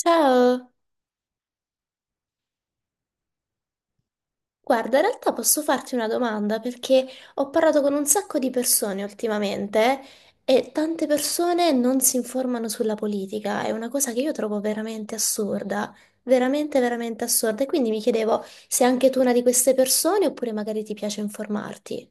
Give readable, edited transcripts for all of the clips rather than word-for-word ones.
Ciao, guarda, in realtà posso farti una domanda perché ho parlato con un sacco di persone ultimamente e tante persone non si informano sulla politica, è una cosa che io trovo veramente assurda, veramente, veramente assurda e quindi mi chiedevo se anche tu una di queste persone oppure magari ti piace informarti.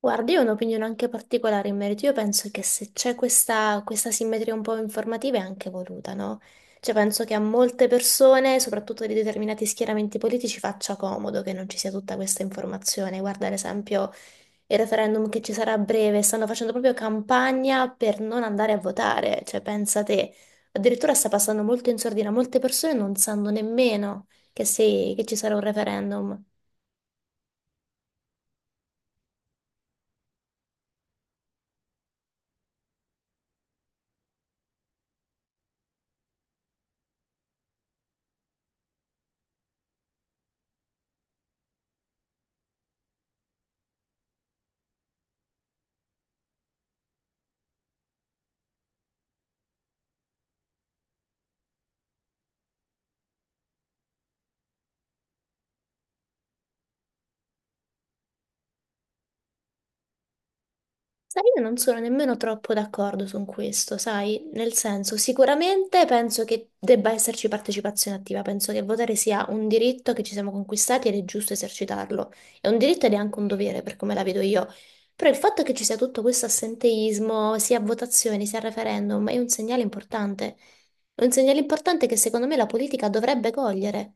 Guarda, io ho un'opinione anche particolare in merito. Io penso che se c'è questa simmetria un po' informativa è anche voluta, no? Cioè, penso che a molte persone, soprattutto di determinati schieramenti politici, faccia comodo che non ci sia tutta questa informazione. Guarda, ad esempio, il referendum che ci sarà a breve, stanno facendo proprio campagna per non andare a votare. Cioè, pensa te, addirittura sta passando molto in sordina, molte persone non sanno nemmeno che, che ci sarà un referendum. Sai, io non sono nemmeno troppo d'accordo su questo, sai? Nel senso, sicuramente penso che debba esserci partecipazione attiva, penso che votare sia un diritto che ci siamo conquistati ed è giusto esercitarlo. È un diritto ed è anche un dovere, per come la vedo io. Però il fatto che ci sia tutto questo assenteismo, sia a votazioni, sia a referendum, è un segnale importante. È un segnale importante che secondo me la politica dovrebbe cogliere.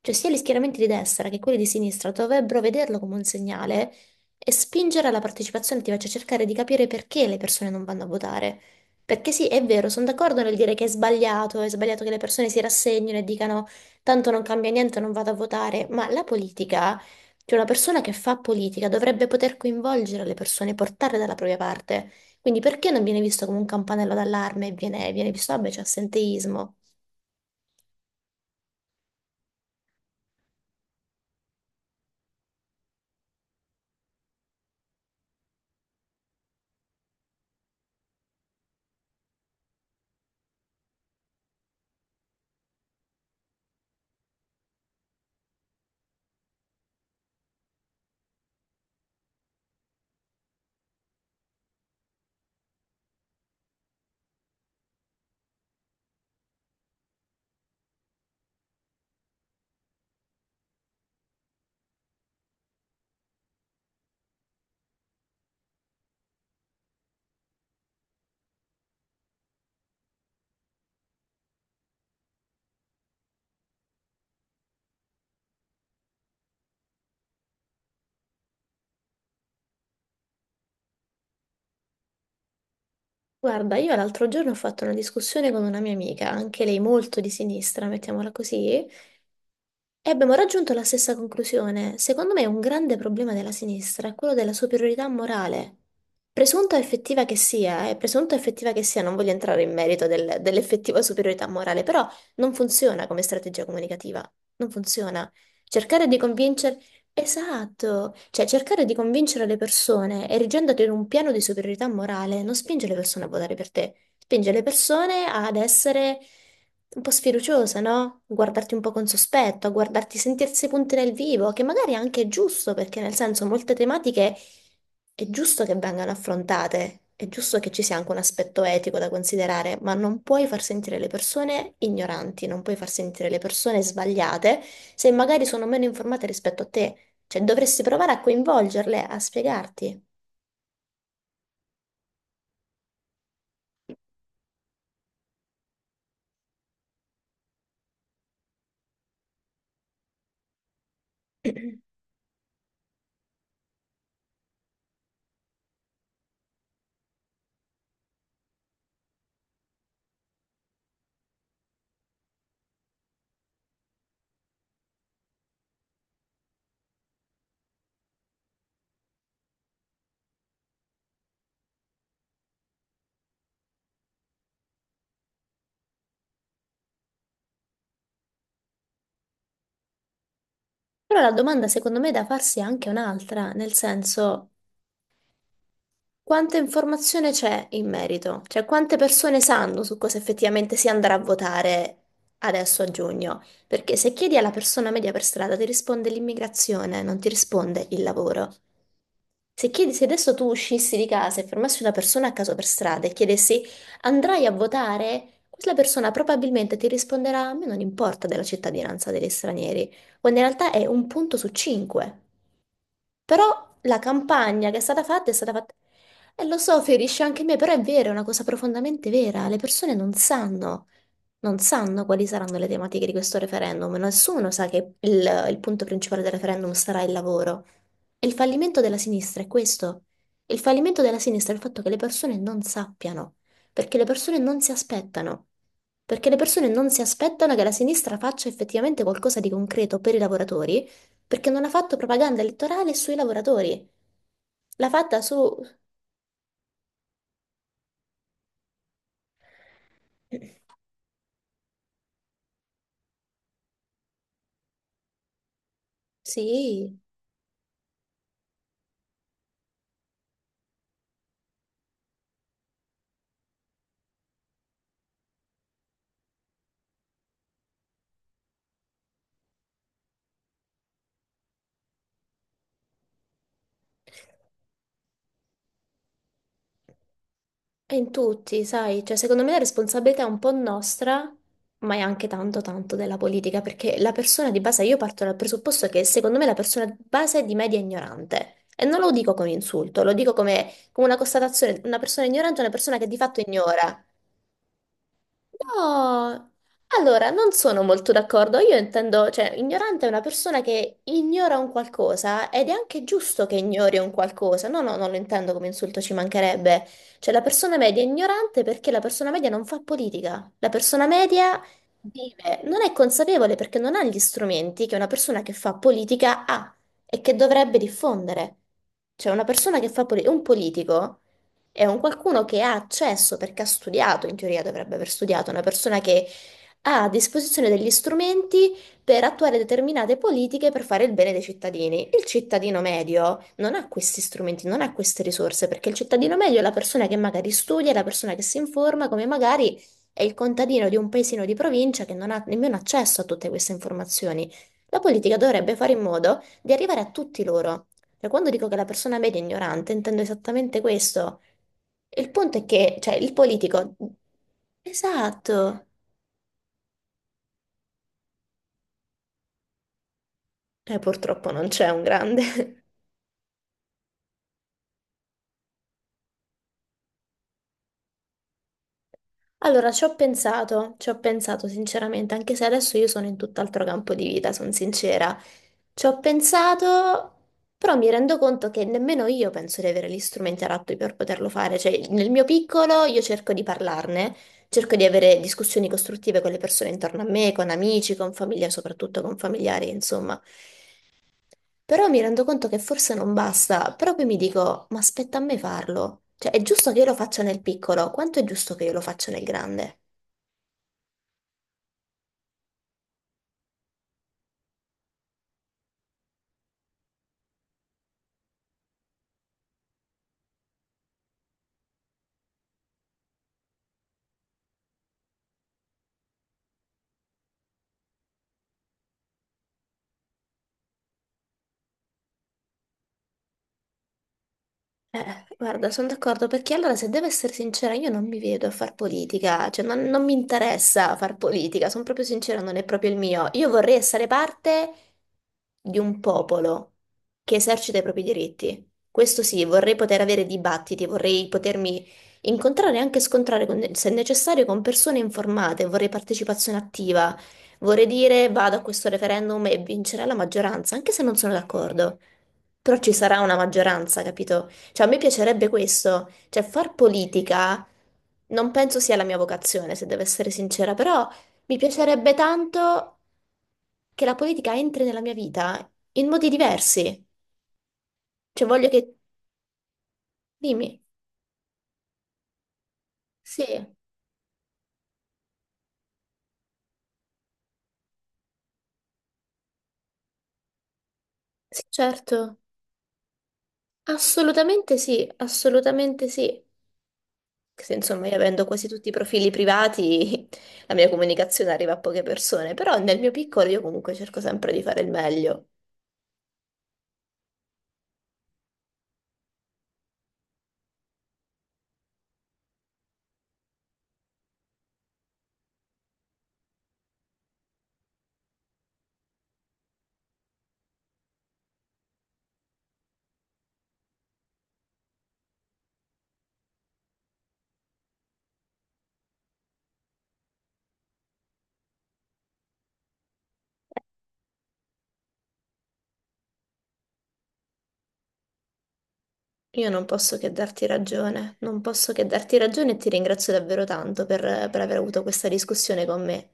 Cioè, sia gli schieramenti di destra che quelli di sinistra dovrebbero vederlo come un segnale. E spingere alla partecipazione attiva, cioè cercare di capire perché le persone non vanno a votare. Perché sì, è vero, sono d'accordo nel dire che è sbagliato che le persone si rassegnino e dicano tanto non cambia niente, non vado a votare, ma la politica, cioè una persona che fa politica dovrebbe poter coinvolgere le persone, portarle dalla propria parte. Quindi perché non viene visto come un campanello d'allarme e viene, viene visto, vabbè, c'è assenteismo? Guarda, io l'altro giorno ho fatto una discussione con una mia amica, anche lei molto di sinistra, mettiamola così, e abbiamo raggiunto la stessa conclusione. Secondo me un grande problema della sinistra è quello della superiorità morale. Presunta o effettiva che sia, presunta o effettiva che sia, non voglio entrare in merito dell'effettiva superiorità morale, però non funziona come strategia comunicativa. Non funziona. Cercare di convincere... Esatto, cioè cercare di convincere le persone erigendoti in un piano di superiorità morale non spinge le persone a votare per te, spinge le persone ad essere un po' sfiduciose, no? Guardarti un po' con sospetto, a guardarti, sentirsi punti nel vivo, che magari anche è giusto, perché nel senso molte tematiche è giusto che vengano affrontate, è giusto che ci sia anche un aspetto etico da considerare, ma non puoi far sentire le persone ignoranti, non puoi far sentire le persone sbagliate se magari sono meno informate rispetto a te. Cioè, dovresti provare a coinvolgerle, a spiegarti. Però la domanda secondo me da farsi è anche un'altra, nel senso quanta informazione c'è in merito? Cioè quante persone sanno su cosa effettivamente si andrà a votare adesso a giugno? Perché se chiedi alla persona media per strada ti risponde l'immigrazione, non ti risponde il lavoro. Se chiedi, se adesso tu uscissi di casa e fermassi una persona a caso per strada e chiedessi andrai a votare, quella persona probabilmente ti risponderà a me non importa della cittadinanza degli stranieri, quando in realtà è un punto su cinque. Però la campagna che è stata fatta... E lo so, ferisce anche me, però è vero, è una cosa profondamente vera. Le persone non sanno, non sanno quali saranno le tematiche di questo referendum. Nessuno sa che il punto principale del referendum sarà il lavoro. E il fallimento della sinistra è questo. Il fallimento della sinistra è il fatto che le persone non sappiano, perché le persone non si aspettano. Perché le persone non si aspettano che la sinistra faccia effettivamente qualcosa di concreto per i lavoratori perché non ha fatto propaganda elettorale sui lavoratori. L'ha fatta su... Sì, è in tutti, sai, cioè secondo me la responsabilità è un po' nostra, ma è anche tanto della politica, perché la persona di base, io parto dal presupposto che secondo me la persona di base è di media ignorante. E non lo dico come insulto, lo dico come, come una constatazione, una persona ignorante è una persona che di fatto ignora. No, allora non sono molto d'accordo. Io intendo, cioè, ignorante è una persona che ignora un qualcosa ed è anche giusto che ignori un qualcosa. No, no, non lo intendo come insulto, ci mancherebbe. Cioè, la persona media è ignorante perché la persona media non fa politica. La persona media vive, non è consapevole perché non ha gli strumenti che una persona che fa politica ha e che dovrebbe diffondere. Cioè, una persona che fa politica, un politico. È un qualcuno che ha accesso perché ha studiato, in teoria dovrebbe aver studiato, una persona che ha a disposizione degli strumenti per attuare determinate politiche per fare il bene dei cittadini. Il cittadino medio non ha questi strumenti, non ha queste risorse, perché il cittadino medio è la persona che magari studia, è la persona che si informa, come magari è il contadino di un paesino di provincia che non ha nemmeno accesso a tutte queste informazioni. La politica dovrebbe fare in modo di arrivare a tutti loro. Cioè, quando dico che la persona media è ignorante, intendo esattamente questo. Il punto è che, cioè, il politico... Esatto. Purtroppo non c'è un grande. Allora, ci ho pensato sinceramente, anche se adesso io sono in tutt'altro campo di vita, sono sincera. Ci ho pensato, però mi rendo conto che nemmeno io penso di avere gli strumenti adatti per poterlo fare. Cioè, nel mio piccolo io cerco di parlarne, cerco di avere discussioni costruttive con le persone intorno a me, con amici, con famiglia, soprattutto con familiari, insomma. Però mi rendo conto che forse non basta, però poi mi dico, ma aspetta a me farlo. Cioè, è giusto che io lo faccia nel piccolo, quanto è giusto che io lo faccia nel grande? Guarda, sono d'accordo perché allora, se devo essere sincera, io non mi vedo a far politica, cioè non, non mi interessa far politica, sono proprio sincera, non è proprio il mio. Io vorrei essere parte di un popolo che esercita i propri diritti. Questo sì, vorrei poter avere dibattiti, vorrei potermi incontrare e anche scontrare, se necessario, con persone informate, vorrei partecipazione attiva, vorrei dire vado a questo referendum e vincerà la maggioranza, anche se non sono d'accordo. Però ci sarà una maggioranza, capito? Cioè, a me piacerebbe questo, cioè far politica non penso sia la mia vocazione, se devo essere sincera, però mi piacerebbe tanto che la politica entri nella mia vita in modi diversi. Cioè, voglio che... Dimmi. Sì, sì, certo. Assolutamente sì, assolutamente sì. Se, insomma, io avendo quasi tutti i profili privati, la mia comunicazione arriva a poche persone, però nel mio piccolo io comunque cerco sempre di fare il meglio. Io non posso che darti ragione, non posso che darti ragione e ti ringrazio davvero tanto per aver avuto questa discussione con me.